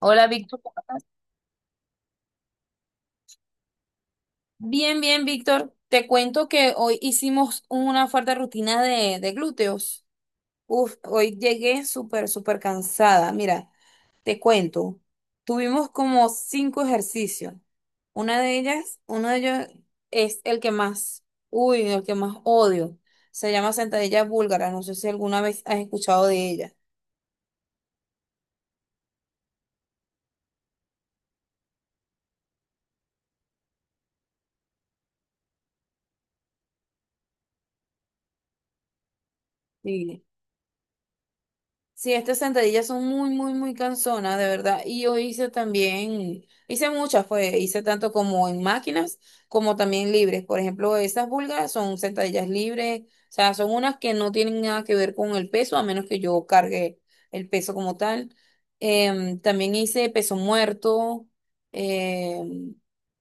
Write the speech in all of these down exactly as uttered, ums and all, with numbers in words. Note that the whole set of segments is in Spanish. Hola, Víctor. Bien, bien, Víctor. Te cuento que hoy hicimos una fuerte rutina de, de glúteos. Uf, hoy llegué súper, súper cansada. Mira, te cuento. Tuvimos como cinco ejercicios. Una de ellas, uno de ellos es el que más, uy, el que más odio. Se llama sentadilla búlgara. No sé si alguna vez has escuchado de ella. Sí. Sí, estas sentadillas son muy, muy, muy cansonas, de verdad. Y yo hice también, hice muchas, fue, hice tanto como en máquinas como también libres. Por ejemplo, esas búlgaras son sentadillas libres, o sea, son unas que no tienen nada que ver con el peso, a menos que yo cargue el peso como tal. Em, también hice peso muerto. em,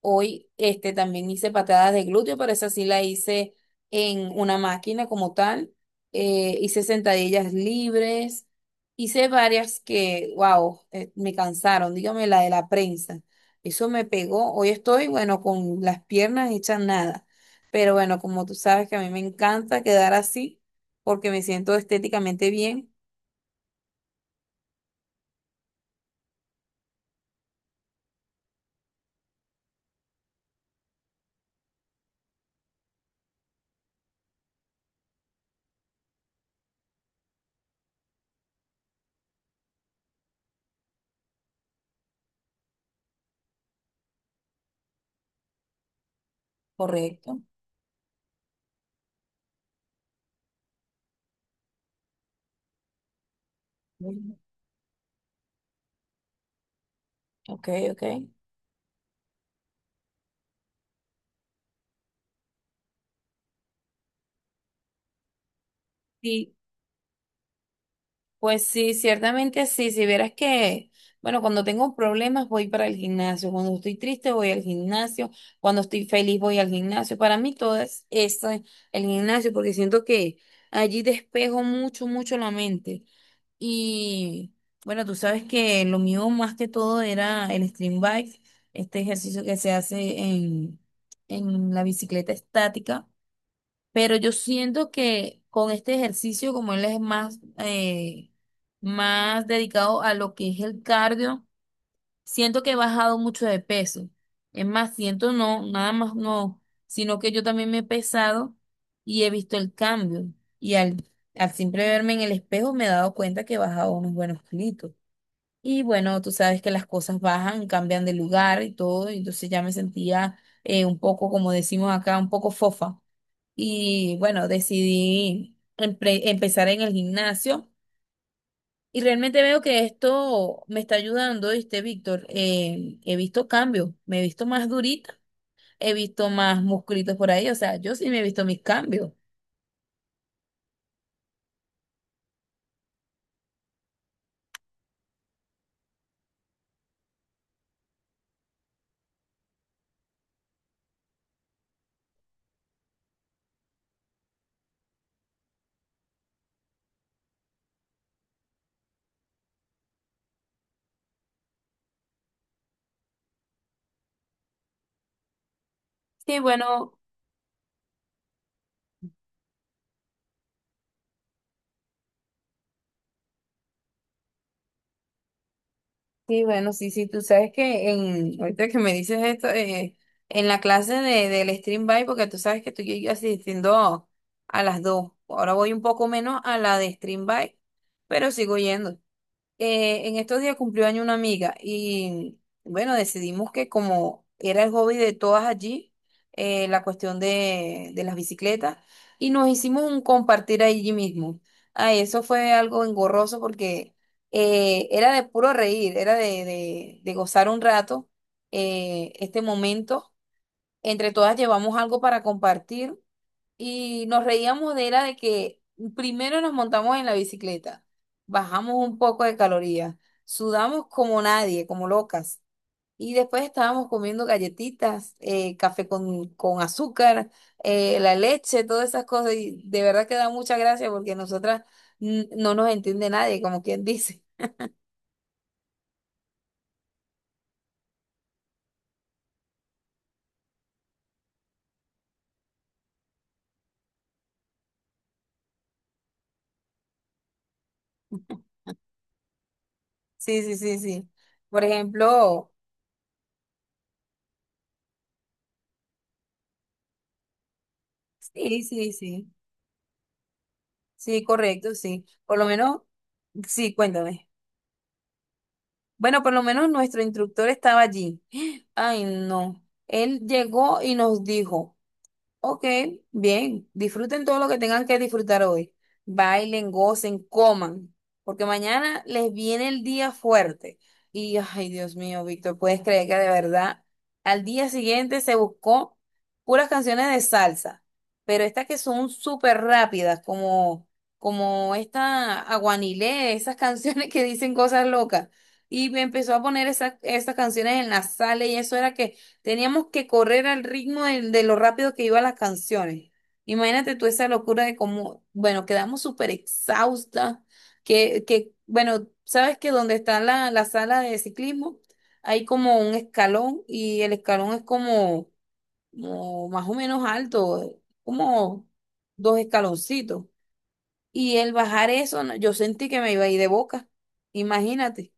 Hoy, este, también hice patadas de glúteo, pero esa sí la hice en una máquina como tal. Eh, hice sentadillas libres. Hice varias que, wow, eh, me cansaron. Dígame la de la prensa. Eso me pegó. Hoy estoy, bueno, con las piernas hechas nada. Pero bueno, como tú sabes que a mí me encanta quedar así porque me siento estéticamente bien. Correcto. Mm, ok, ok. Sí, pues sí, ciertamente sí. Si vieras que, bueno, cuando tengo problemas voy para el gimnasio, cuando estoy triste voy al gimnasio, cuando estoy feliz voy al gimnasio. Para mí todo es esto, el gimnasio, porque siento que allí despejo mucho, mucho la mente. Y bueno, tú sabes que lo mío más que todo era el stream bike, este ejercicio que se hace en, en la bicicleta estática, pero yo siento que con este ejercicio, como él es más, eh, más dedicado a lo que es el cardio, siento que he bajado mucho de peso. Es más, siento no, nada más no, sino que yo también me he pesado y he visto el cambio. Y al, al siempre verme en el espejo me he dado cuenta que he bajado unos buenos kilitos. Y bueno, tú sabes que las cosas bajan, cambian de lugar y todo, y entonces ya me sentía eh, un poco, como decimos acá, un poco fofa. Y bueno, decidí empre- empezar en el gimnasio y realmente veo que esto me está ayudando, ¿viste, Víctor? Eh, he visto cambios, me he visto más durita, he visto más musculitos por ahí, o sea, yo sí me he visto mis cambios. Sí, bueno. Sí, bueno, sí, sí, tú sabes que en, ahorita que me dices esto, eh, en la clase de, del stream by, porque tú sabes que estoy yo asistiendo a las dos, ahora voy un poco menos a la de stream by, pero sigo yendo eh, en estos días cumplió año una amiga y bueno, decidimos que como era el hobby de todas allí, eh, la cuestión de, de las bicicletas, y nos hicimos un compartir allí mismo. Ay, eso fue algo engorroso porque eh, era de puro reír, era de, de- de gozar un rato eh, este momento. Entre todas llevamos algo para compartir y nos reíamos de era de que primero nos montamos en la bicicleta, bajamos un poco de calorías, sudamos como nadie, como locas. Y después estábamos comiendo galletitas, eh, café con, con azúcar, eh, la leche, todas esas cosas. Y de verdad que da mucha gracia porque nosotras mm, no nos entiende nadie, como quien dice. Sí, sí, sí, sí. Por ejemplo, sí, sí, sí. Sí, correcto, sí. Por lo menos, sí, cuéntame. Bueno, por lo menos nuestro instructor estaba allí. Ay, no. Él llegó y nos dijo. Ok, bien. Disfruten todo lo que tengan que disfrutar hoy. Bailen, gocen, coman, porque mañana les viene el día fuerte. Y, ay, Dios mío, Víctor, ¿puedes creer que de verdad al día siguiente se buscó puras canciones de salsa? Pero estas que son súper rápidas, como, como esta Aguanilé, esas canciones que dicen cosas locas. Y me empezó a poner esas, esas canciones en la sala y eso era que. Teníamos que correr al ritmo de, de lo rápido que iban las canciones. Imagínate tú esa locura de cómo, bueno, quedamos súper exhaustas, que, que, bueno, sabes que donde está la, la sala de ciclismo hay como un escalón y el escalón es como, como más o menos alto, como dos escaloncitos. Y el bajar eso, no, yo sentí que me iba a ir de boca. Imagínate.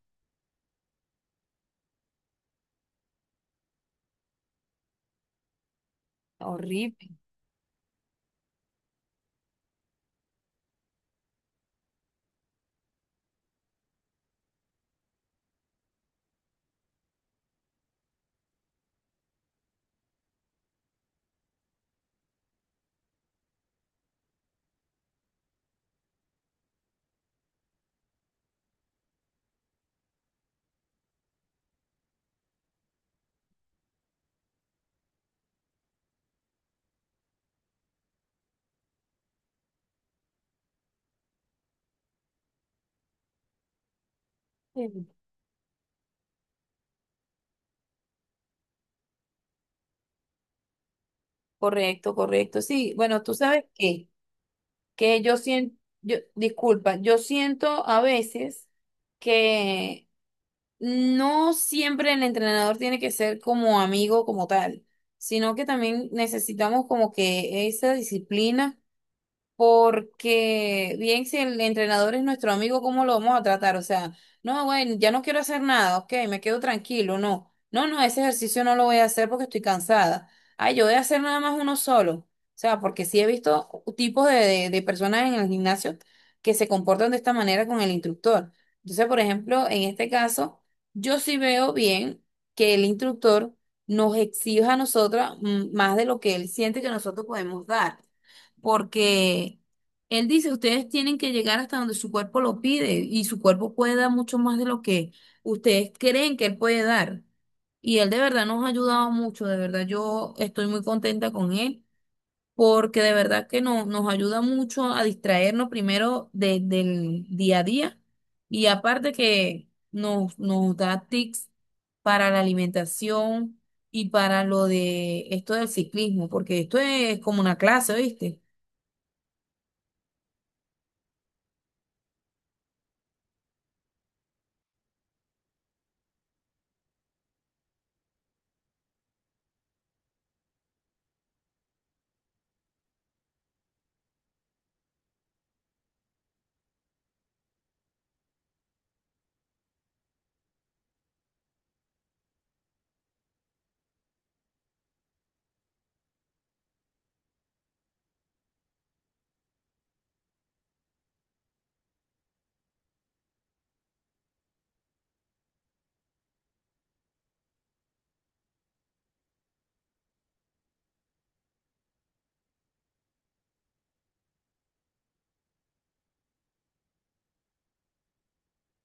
Horrible. Sí. Correcto, correcto. Sí, bueno, tú sabes qué. Que yo siento, yo, disculpa, yo siento a veces que no siempre el entrenador tiene que ser como amigo como tal, sino que también necesitamos como que esa disciplina porque bien, si el entrenador es nuestro amigo, ¿cómo lo vamos a tratar? O sea, no, bueno, ya no quiero hacer nada, ok, me quedo tranquilo, no. No, no, ese ejercicio no lo voy a hacer porque estoy cansada. Ay, yo voy a hacer nada más uno solo. O sea, porque sí he visto tipos de, de- de personas en el gimnasio que se comportan de esta manera con el instructor. Entonces, por ejemplo, en este caso, yo sí veo bien que el instructor nos exija a nosotras mm, más de lo que él siente que nosotros podemos dar porque él dice, ustedes tienen que llegar hasta donde su cuerpo lo pide y su cuerpo puede dar mucho más de lo que ustedes creen que él puede dar. Y él de verdad nos ha ayudado mucho, de verdad yo estoy muy contenta con él, porque de verdad que no- nos ayuda mucho a distraernos primero de- del día a día y aparte que nos, nos da tips para la alimentación y para lo de esto del ciclismo, porque esto es como una clase, ¿viste?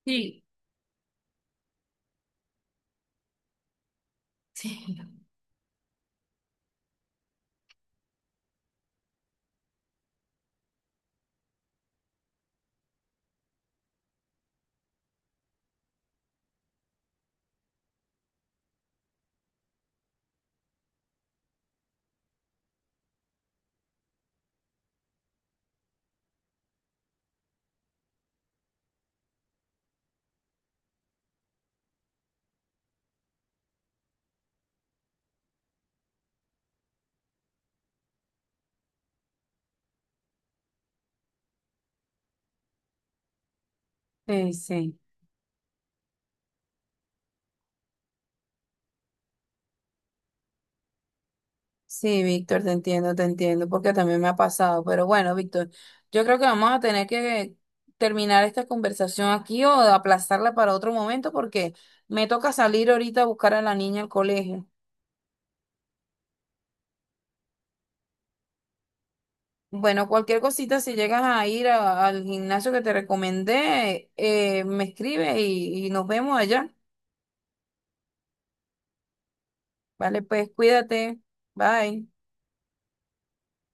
Sí, sí. Sí, sí, sí, Víctor, te entiendo, te entiendo, porque también me ha pasado. Pero bueno, Víctor, yo creo que vamos a tener que terminar esta conversación aquí o aplazarla para otro momento porque me toca salir ahorita a buscar a la niña al colegio. Bueno, cualquier cosita, si llegas a ir a- al gimnasio que te recomendé, eh, me escribe y, y nos vemos allá. Vale, pues cuídate. Bye.